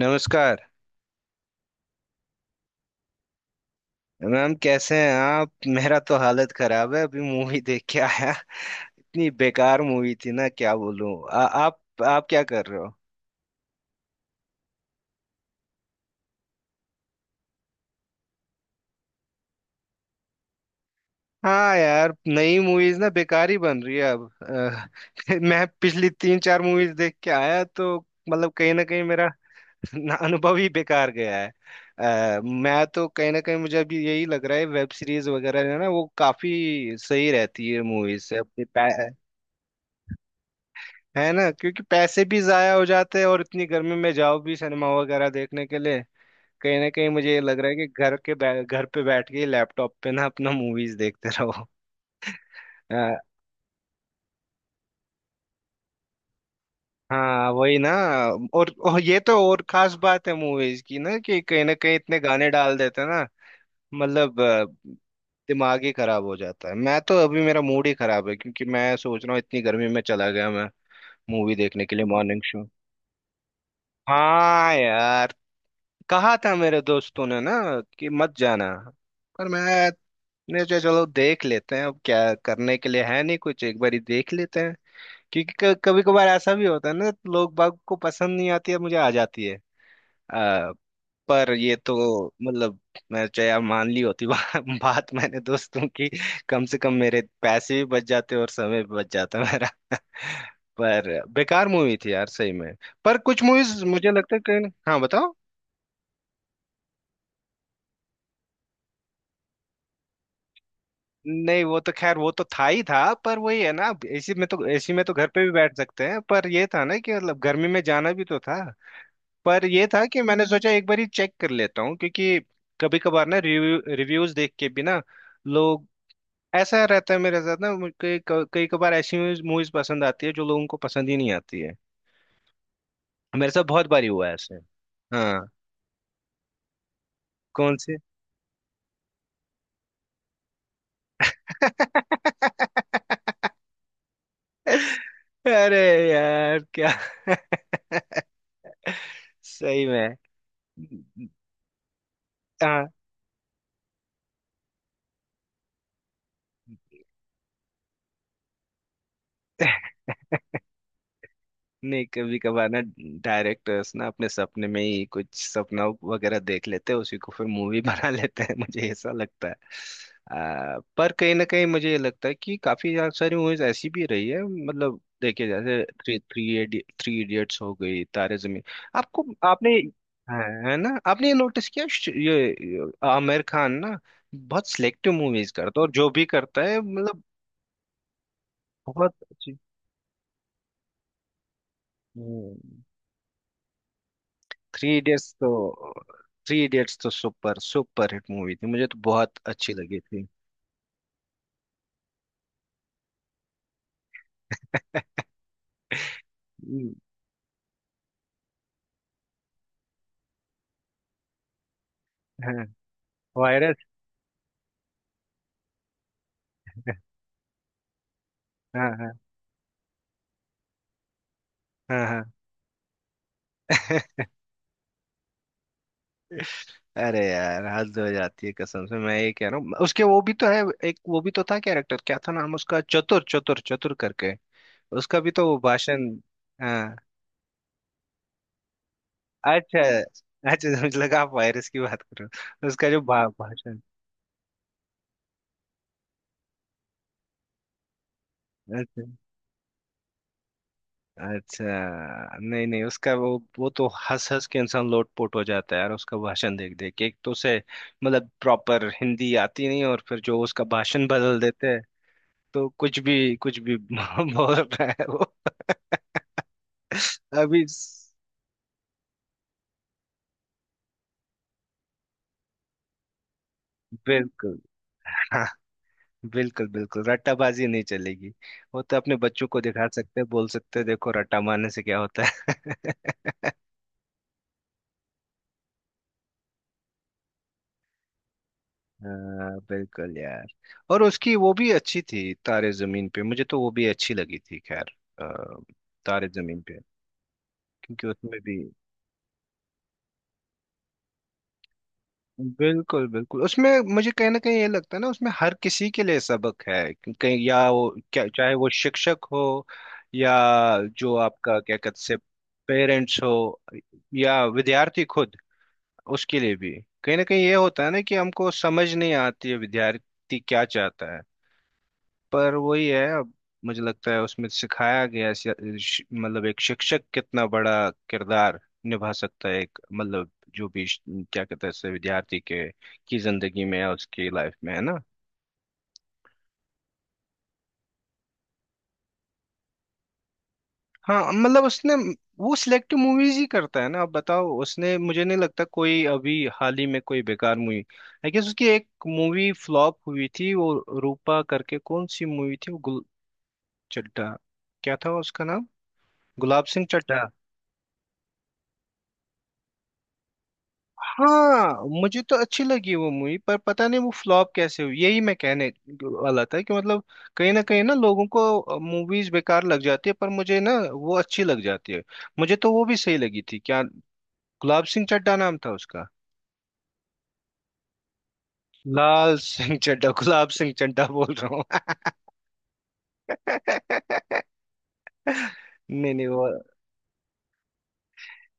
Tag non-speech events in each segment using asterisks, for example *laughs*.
नमस्कार। मैम कैसे हैं आप? मेरा तो हालत खराब है, अभी मूवी देख के आया। इतनी बेकार मूवी थी ना, क्या बोलूं। आप क्या कर रहे हो? हाँ यार, नई मूवीज ना बेकार ही बन रही है अब। *laughs* मैं पिछली तीन चार मूवीज देख के आया, तो मतलब कहीं ना कहीं मेरा *laughs* अनुभव ही बेकार गया है। मैं तो कहीं ना कहीं मुझे अभी यही लग रहा है वेब सीरीज वगैरह है ना, वो काफी सही रहती है मूवीज से अपनी। है ना, क्योंकि पैसे भी जाया हो जाते हैं और इतनी गर्मी में जाओ भी सिनेमा वगैरह देखने के लिए। कहीं ना कहीं मुझे ये लग रहा है कि घर पे बैठ के लैपटॉप पे ना अपना मूवीज देखते रहो। अ, हाँ वही ना। और ये तो और खास बात है मूवीज की ना कि कहीं ना कहीं इतने गाने डाल देते हैं ना। मतलब दिमाग ही खराब हो जाता है। मैं तो अभी मेरा मूड ही खराब है क्योंकि मैं सोच रहा हूँ इतनी गर्मी में चला गया मैं मूवी देखने के लिए मॉर्निंग शो। हाँ यार। कहा था मेरे दोस्तों ने ना कि मत जाना, पर मैंने सोचा चलो देख लेते हैं, अब क्या करने के लिए है नहीं कुछ, एक बार ही देख लेते हैं, क्योंकि कभी कभार ऐसा भी होता है ना लोग बाग को पसंद नहीं आती है मुझे आ जाती है। आ, पर ये तो मतलब, मैं चाहे यार मान ली होती *laughs* बात मैंने दोस्तों की, कम से कम मेरे पैसे भी बच जाते और समय भी बच जाता मेरा। *laughs* पर बेकार मूवी थी यार सही में। पर कुछ मूवीज मुझे लगता है कि। हाँ बताओ। नहीं वो तो खैर, वो तो था ही था, पर वही है ना, अब एसी में तो घर पे भी बैठ सकते हैं, पर ये था ना कि मतलब गर्मी में जाना भी तो था। पर ये था कि मैंने सोचा एक बार ही चेक कर लेता हूँ, क्योंकि कभी कभार ना रिव्यूज देख के भी ना लोग। ऐसा रहता है मेरे साथ ना, मुझे कई कई कभार ऐसी मूवीज पसंद आती है जो लोगों को पसंद ही नहीं आती है। मेरे साथ बहुत बारी हुआ है ऐसे। हाँ। कौन से? *laughs* अरे यार क्या। *laughs* सही में। हाँ। नहीं कभी कभार ना डायरेक्टर्स ना अपने सपने में ही कुछ सपना वगैरह देख लेते हैं, उसी को फिर मूवी *laughs* बना लेते हैं, मुझे ऐसा लगता है। पर कहीं ना कहीं मुझे ये लगता है कि काफी ज्यादा सारी मूवीज ऐसी भी रही है, मतलब देखिए जैसे थ्री थ्री थ्री इडियट्स हो गई, तारे जमीन। आपको आपने। है। है ना? आपने ये नोटिस किया ये आमिर खान ना बहुत सिलेक्टिव मूवीज करता है, और जो भी करता है मतलब बहुत अच्छी। थ्री इडियट्स तो, थ्री इडियट्स तो सुपर सुपर हिट मूवी थी, मुझे तो बहुत अच्छी लगी थी। *laughs* हम्म। हाँ वायरस। हाँ हाँ। हाँ हाँ। *laughs* अरे यार हद हो जाती है कसम से, मैं ये कह रहा हूँ उसके वो भी तो है, एक वो भी तो था, कैरेक्टर क्या था नाम उसका, चतुर चतुर चतुर करके। उसका भी तो वो भाषण। हाँ। अच्छा। अच्छा *laughs* मुझे लगा आप वायरस की बात करो। उसका जो भाषण। अच्छा। अच्छा। नहीं नहीं उसका वो तो हंस हंस के इंसान लोटपोट हो जाता है यार, उसका भाषण देख देख के। एक तो उसे मतलब प्रॉपर हिंदी आती नहीं, और फिर जो उसका भाषण बदल देते हैं, तो कुछ भी *laughs* बोल रहा है वो। *laughs* अभी बिल्कुल। हाँ बिल्कुल बिल्कुल रट्टाबाजी नहीं चलेगी, वो तो अपने बच्चों को दिखा सकते हैं बोल सकते हैं देखो रट्टा मारने से क्या होता है। *laughs* हाँ, बिल्कुल यार। और उसकी वो भी अच्छी थी तारे जमीन पे, मुझे तो वो भी अच्छी लगी थी। खैर अ, तारे जमीन पे क्योंकि उसमें भी बिल्कुल बिल्कुल उसमें मुझे कहीं ना कहीं ये लगता है ना, उसमें हर किसी के लिए सबक है कहीं, या वो क्या चाहे वो शिक्षक हो या जो आपका क्या कहते से पेरेंट्स हो या विद्यार्थी खुद, उसके लिए भी कहीं ना कहीं ये होता है ना कि हमको समझ नहीं आती है विद्यार्थी क्या चाहता है। पर वही है, अब मुझे लगता है उसमें सिखाया गया मतलब एक शिक्षक कितना बड़ा किरदार निभा सकता है, एक मतलब जो भी क्या कहते हैं इससे विद्यार्थी के की जिंदगी में या उसकी लाइफ में, है ना? हाँ मतलब उसने, वो सिलेक्टिव मूवीज ही करता है ना, अब बताओ उसने मुझे नहीं लगता कोई अभी हाल ही में कोई बेकार मूवी। आई गेस उसकी एक मूवी फ्लॉप हुई थी वो रूपा करके, कौन सी मूवी थी वो गुल चड्ढा, क्या था उसका नाम, गुलाब सिंह चड्ढा। हाँ मुझे तो अच्छी लगी वो मूवी, पर पता नहीं वो फ्लॉप कैसे हुई। यही मैं कहने वाला था कि मतलब कहीं ना लोगों को मूवीज बेकार लग जाती है पर मुझे ना वो अच्छी लग जाती है, मुझे तो वो भी सही लगी थी। क्या गुलाब सिंह चड्ढा नाम था उसका। लाल सिंह चड्ढा, गुलाब सिंह चड्ढा बोल रहा हूँ। *laughs* नहीं नहीं वो।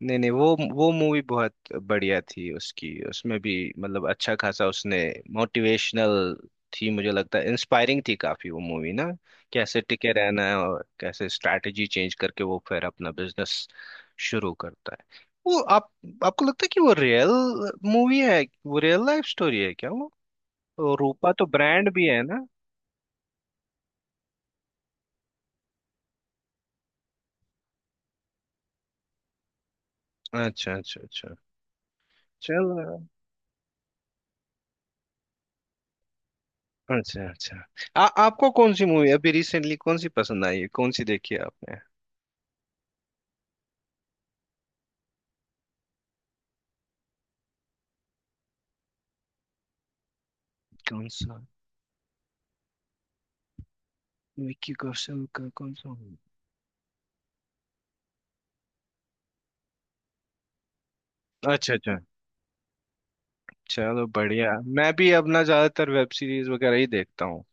नहीं नहीं वो, वो मूवी बहुत बढ़िया थी उसकी, उसमें भी मतलब अच्छा खासा उसने मोटिवेशनल थी, मुझे लगता है इंस्पायरिंग थी काफी वो मूवी ना, कैसे टिके रहना है और कैसे स्ट्रैटेजी चेंज करके वो फिर अपना बिजनेस शुरू करता है। वो आप, आपको लगता है कि वो रियल मूवी है, वो रियल लाइफ स्टोरी है क्या वो? और रूपा तो ब्रांड भी है ना। अच्छा अच्छा अच्छा। चल अच्छा अच्छा। आपको कौन सी मूवी अभी रिसेंटली, कौन सी पसंद आई है, कौन सी देखी है आपने? कौन सा? विक्की कौशल का कौन सा, हूँ? अच्छा अच्छा। चलो बढ़िया। मैं भी अपना ज्यादातर वेब सीरीज वगैरह ही देखता हूँ,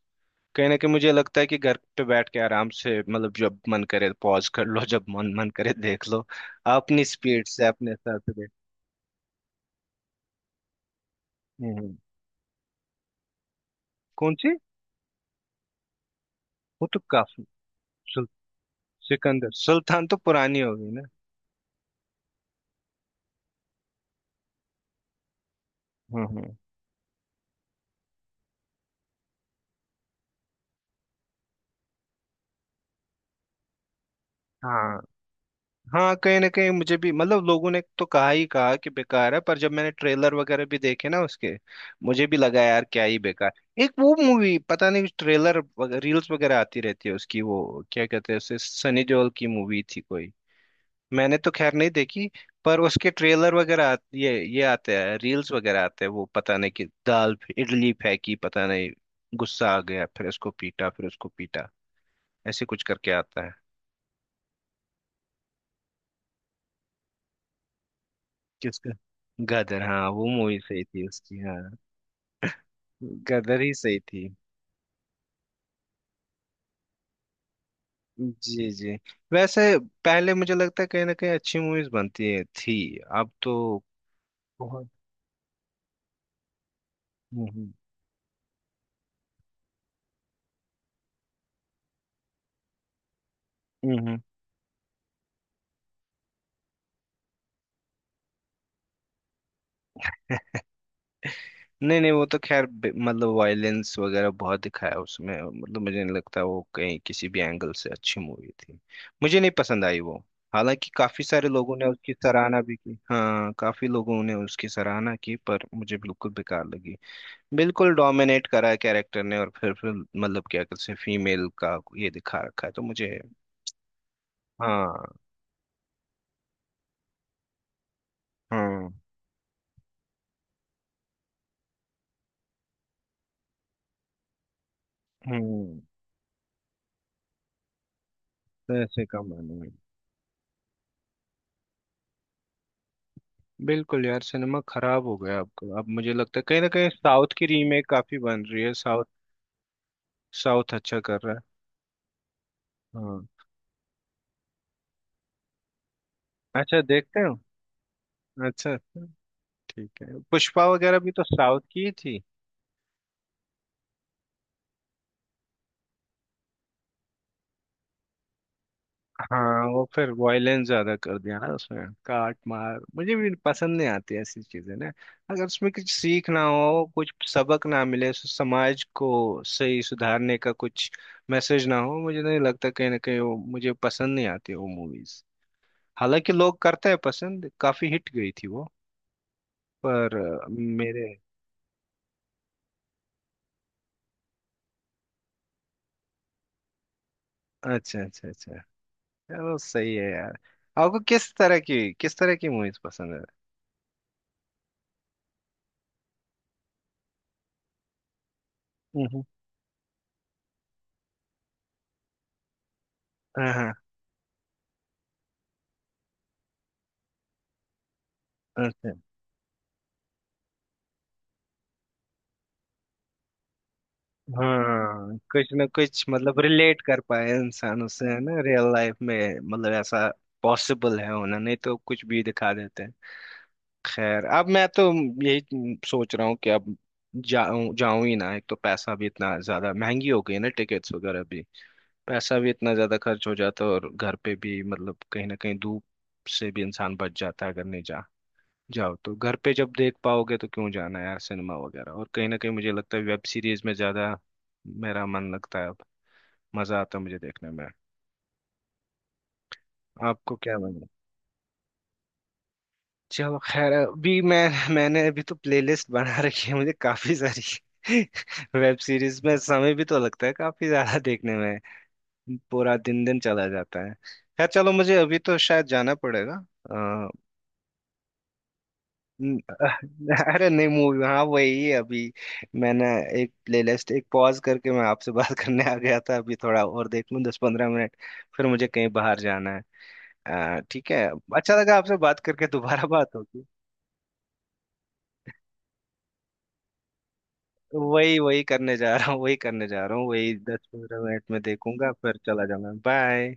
कहीं ना कहीं मुझे लगता है कि घर पे बैठ के आराम से, मतलब जब मन करे पॉज कर लो, जब मन मन करे देख लो, अपनी स्पीड से अपने हिसाब से देख। हम्म। कौन सी? वो तो काफी सुल, सिकंदर सुल्तान तो पुरानी होगी ना। हम्म। हाँ हाँ, कहीं ना कहीं मुझे भी मतलब लोगों ने तो कहा ही कहा कि बेकार है, पर जब मैंने ट्रेलर वगैरह भी देखे ना उसके, मुझे भी लगा यार क्या ही बेकार। एक वो मूवी पता नहीं ट्रेलर रील्स वगैरह आती रहती है उसकी, वो क्या कहते हैं उसे, सनी देओल की मूवी थी कोई, मैंने तो खैर नहीं देखी। पर उसके ट्रेलर वगैरह ये आते हैं, रील्स वगैरह आते हैं वो, पता नहीं कि दाल इडली फेंकी पता नहीं गुस्सा आ गया फिर उसको पीटा फिर उसको पीटा, ऐसे कुछ करके आता है। किसका? गदर, हाँ वो मूवी सही थी उसकी, हाँ गदर ही सही थी। जी जी। वैसे पहले मुझे लगता है कहीं ना कहीं अच्छी मूवीज बनती है थी, अब तो बहुत। हम्म। हम्म। हम्म। नहीं नहीं वो तो खैर मतलब वायलेंस वगैरह बहुत दिखाया उसमें, मतलब मुझे नहीं लगता वो कहीं किसी भी एंगल से अच्छी मूवी थी, मुझे नहीं पसंद आई वो। हालांकि काफी सारे लोगों ने उसकी सराहना भी की, हाँ काफी लोगों ने उसकी सराहना की, पर मुझे बिल्कुल बेकार लगी। बिल्कुल डोमिनेट करा है कैरेक्टर ने, और फिर मतलब क्या कहते हैं फीमेल का ये दिखा रखा है तो मुझे। हाँ। हम्म हम्म। पैसे कमाने में। बिल्कुल यार सिनेमा खराब हो गया आपको। अब मुझे लगता है कहीं ना कहीं साउथ की रीमेक काफी बन रही है। साउथ साउथ अच्छा कर रहा है। हाँ। अच्छा देखते हो। अच्छा अच्छा। ठीक है पुष्पा वगैरह भी तो साउथ की ही थी। हाँ वो फिर वॉयलेंस ज्यादा कर दिया ना उसमें, काट मार मुझे भी पसंद नहीं आती ऐसी चीजें ना, अगर उसमें कुछ सीख ना हो, कुछ सबक ना मिले, उस समाज को सही सुधारने का कुछ मैसेज ना हो, मुझे नहीं लगता कहीं ना कहीं वो, मुझे पसंद नहीं आती वो मूवीज। हालांकि लोग करते हैं पसंद, काफी हिट गई थी वो, पर मेरे। अच्छा अच्छा अच्छा। चलो सही है यार। आपको किस तरह की मूवीज पसंद है? हम्म, हाँ हाँ। अच्छा। हाँ कुछ ना कुछ मतलब रिलेट कर पाए इंसान उससे है ना, रियल लाइफ में मतलब, ऐसा पॉसिबल है होना, नहीं तो कुछ भी दिखा देते हैं। खैर अब मैं तो यही सोच रहा हूँ कि अब जाऊं जाऊं ही ना, एक तो पैसा भी इतना ज्यादा महंगी हो गई है ना टिकट्स वगैरह भी, पैसा भी इतना ज्यादा खर्च हो जाता है, और घर पे भी मतलब कहीं ना कहीं धूप से भी इंसान बच जाता है। अगर नहीं जा जाओ तो घर पे जब देख पाओगे तो क्यों जाना यार सिनेमा वगैरह, और कहीं ना कहीं मुझे लगता है वेब सीरीज में ज्यादा मेरा मन लगता है अब, मजा आता है मुझे देखने में। आपको क्या मन है? चलो खैर अभी मैंने अभी तो प्लेलिस्ट बना रखी है मुझे काफी सारी। *laughs* वेब सीरीज में समय भी तो लगता है काफी ज्यादा देखने में, पूरा दिन दिन चला जाता है। खैर चलो मुझे अभी तो शायद जाना पड़ेगा। न- *laughs* अरे नहीं मूवी हाँ वही है अभी, मैंने एक प्लेलिस्ट एक पॉज करके मैं आपसे *laughs* बात करने आ गया था, अभी थोड़ा और देख लूँ 10-15 मिनट, फिर मुझे कहीं बाहर जाना है। ठीक है। अच्छा लगा आपसे बात करके, दोबारा बात होगी। वही वही करने जा रहा हूँ, वही करने जा रहा हूँ, वही 10-15 मिनट में देखूंगा, फिर चला जाऊंगा। बाय।